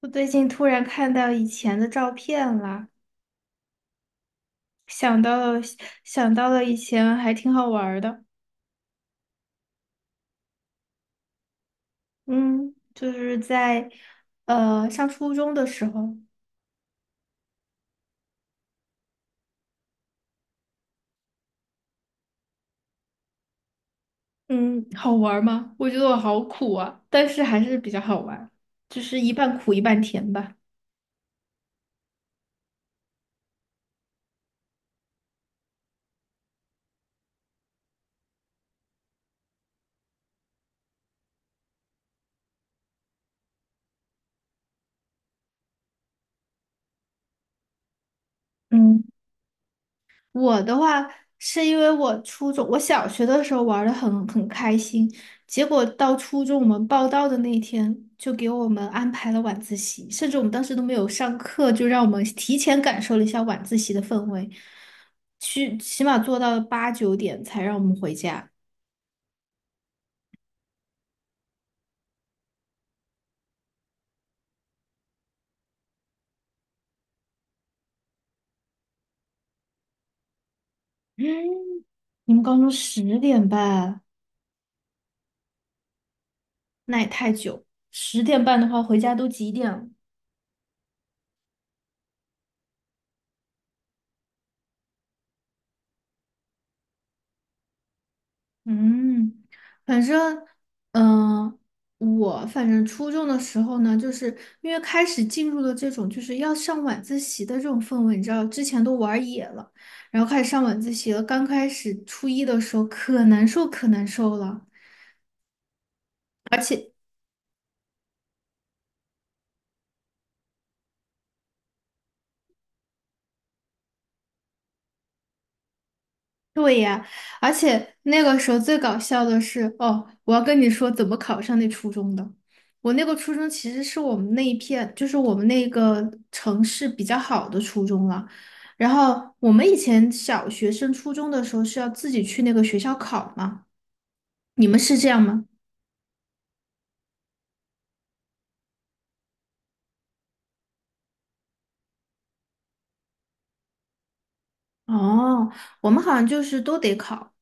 我最近突然看到以前的照片了，想到了想到了以前还挺好玩儿的。嗯，就是在上初中的时候。嗯，好玩儿吗？我觉得我好苦啊，但是还是比较好玩，就是一半苦一半甜吧。嗯。我的话是因为我初中，我小学的时候玩的很开心，结果到初中我们报到的那一天，就给我们安排了晚自习，甚至我们当时都没有上课，就让我们提前感受了一下晚自习的氛围，去起码做到了八九点才让我们回家。嗯，你们高中十点半，那也太久，十点半的话回家都几点了？嗯，反正，嗯、我反正初中的时候呢，就是因为开始进入了这种就是要上晚自习的这种氛围，你知道，之前都玩野了，然后开始上晚自习了。刚开始初一的时候可难受可难受了。对呀，而且那个时候最搞笑的是，哦，我要跟你说怎么考上那初中的。我那个初中其实是我们那一片，就是我们那个城市比较好的初中了。然后我们以前小学升初中的时候是要自己去那个学校考嘛，你们是这样吗？哦，我们好像就是都得考。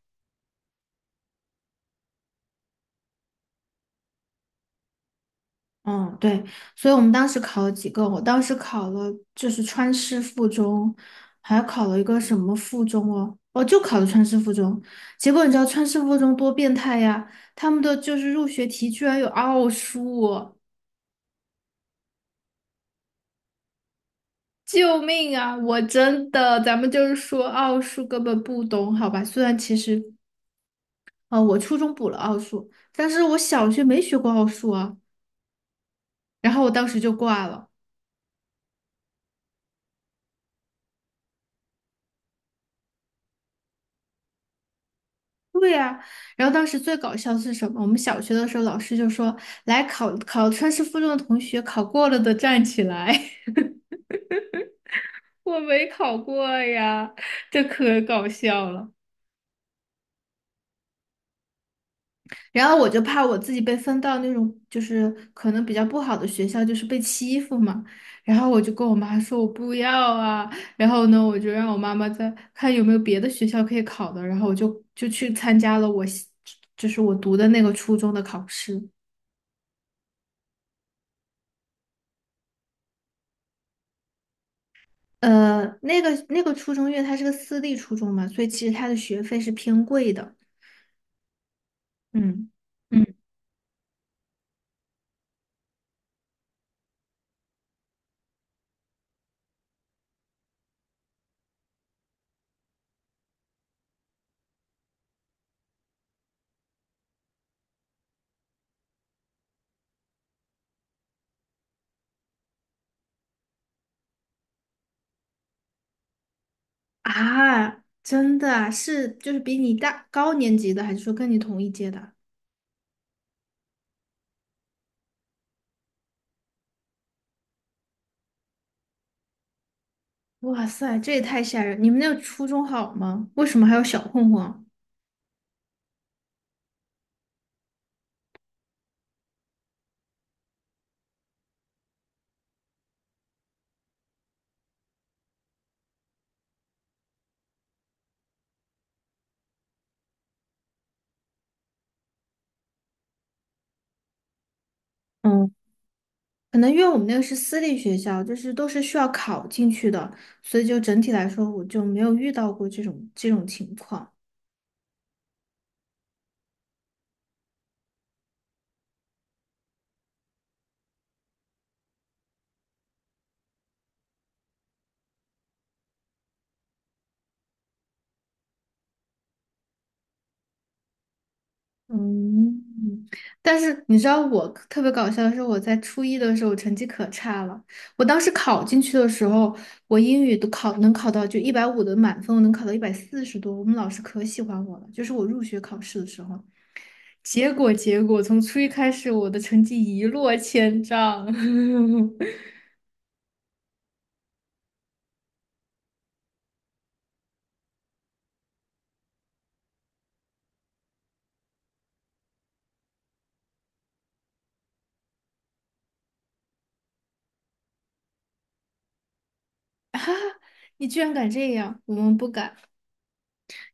嗯，对，所以我们当时考了几个，我当时考了就是川师附中，还考了一个什么附中哦，哦，就考了川师附中。结果你知道川师附中多变态呀？他们的就是入学题居然有奥数哦。救命啊！我真的，咱们就是说奥数根本不懂，好吧？虽然其实，我初中补了奥数，但是我小学没学过奥数啊，然后我当时就挂了。对呀，然后当时最搞笑的是什么？我们小学的时候，老师就说：“来考考川师附中的同学，考过了的站起来。” 我没考过呀，这可搞笑了。然后我就怕我自己被分到那种就是可能比较不好的学校，就是被欺负嘛。然后我就跟我妈说我不要啊。然后呢，我就让我妈妈再看有没有别的学校可以考的。然后我就去参加了就是我读的那个初中的考试。呃，那个初中，因为它是个私立初中嘛，所以其实它的学费是偏贵的。嗯，嗯啊，真的啊，是就是比你大高年级的，还是说跟你同一届的？哇塞，这也太吓人！你们那个初中好吗？为什么还有小混混啊？嗯，可能因为我们那个是私立学校，就是都是需要考进去的，所以就整体来说，我就没有遇到过这种情况。嗯，但是你知道我特别搞笑的是，我在初一的时候我成绩可差了。我当时考进去的时候，我英语都考能考到就150的满分，我能考到140多。我们老师可喜欢我了，就是我入学考试的时候。结果从初一开始，我的成绩一落千丈。你居然敢这样，我们不敢。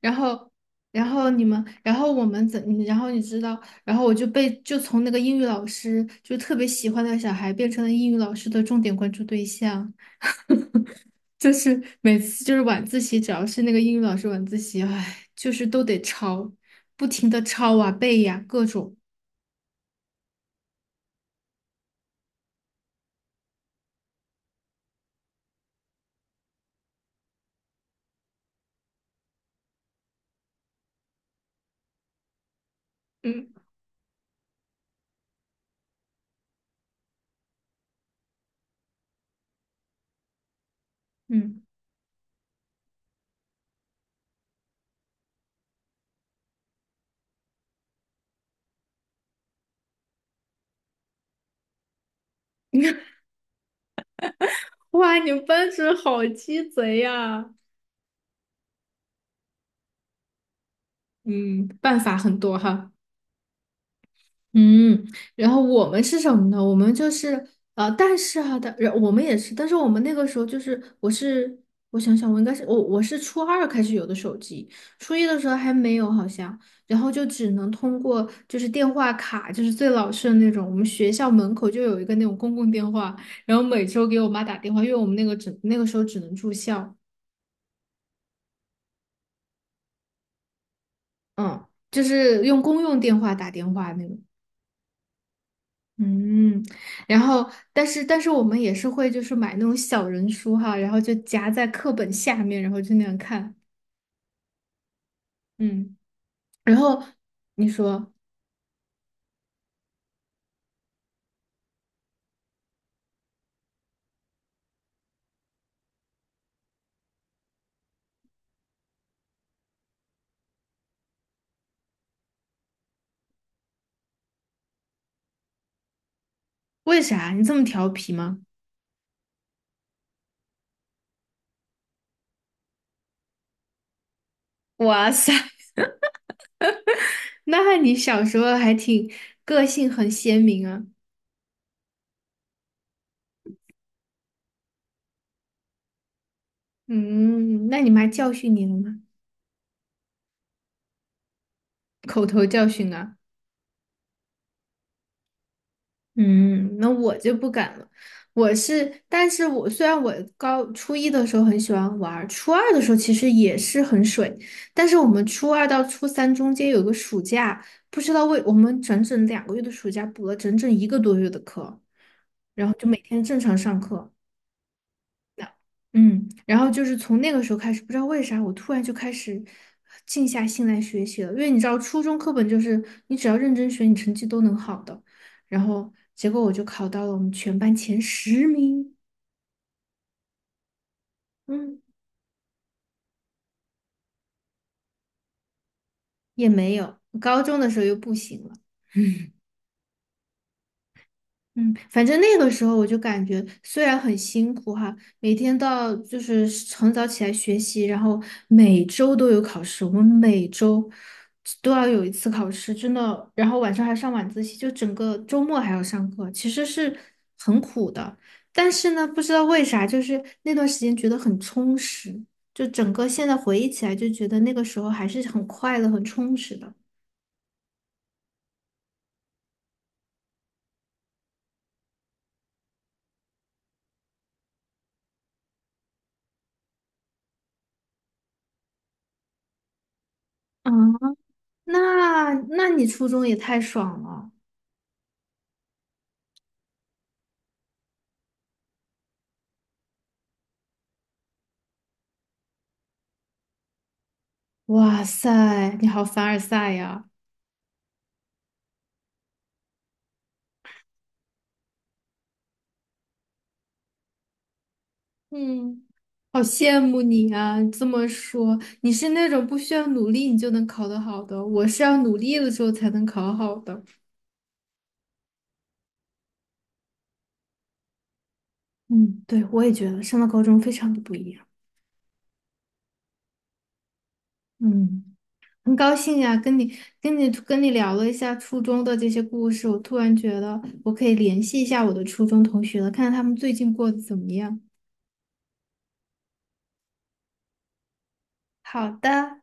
然后，然后你们，然后我们怎，你然后你知道，然后我就被从那个英语老师，就特别喜欢的小孩，变成了英语老师的重点关注对象。就是每次就是晚自习，只要是那个英语老师晚自习，唉，就是都得抄，不停的抄啊背呀、各种。嗯，嗯哇，你们班主任好鸡贼呀！嗯，办法很多哈。嗯，然后我们是什么呢？我们就是但是啊，但然我们也是，但是我们那个时候就是，我想想，我应该是我是初二开始有的手机，初一的时候还没有好像，然后就只能通过就是电话卡，就是最老式的那种，我们学校门口就有一个那种公共电话，然后每周给我妈打电话，因为我们那个只那个时候只能住校，嗯，就是用公用电话打电话那种。嗯，然后，但是我们也是会就是买那种小人书哈，然后就夹在课本下面，然后就那样看。嗯，然后你说为啥你这么调皮吗？哇塞，那你小时候还挺个性很鲜明啊。嗯，那你妈教训你了吗？口头教训啊。嗯，那我就不敢了。但是我虽然我高初一的时候很喜欢玩儿，初二的时候其实也是很水，但是我们初二到初三中间有个暑假，不知道为我们整整2个月的暑假补了整整1个多月的课，然后就每天正常上课。那，嗯，然后就是从那个时候开始，不知道为啥，我突然就开始静下心来学习了。因为你知道，初中课本就是你只要认真学，你成绩都能好的。然后结果我就考到了我们全班前10名。嗯，也没有。高中的时候又不行了。嗯，反正那个时候我就感觉，虽然很辛苦哈，每天到就是很早起来学习，然后每周都有考试，我们每周都要有一次考试，真的，然后晚上还上晚自习，就整个周末还要上课，其实是很苦的。但是呢，不知道为啥，就是那段时间觉得很充实，就整个现在回忆起来，就觉得那个时候还是很快乐、很充实的。啊，那你初中也太爽了。哇塞，你好凡尔赛呀！嗯，好羡慕你啊！这么说，你是那种不需要努力你就能考得好的，我是要努力的时候才能考好的。嗯，对，我也觉得上了高中非常的不一样。嗯，很高兴呀，跟你聊了一下初中的这些故事，我突然觉得我可以联系一下我的初中同学了，看看他们最近过得怎么样。好的。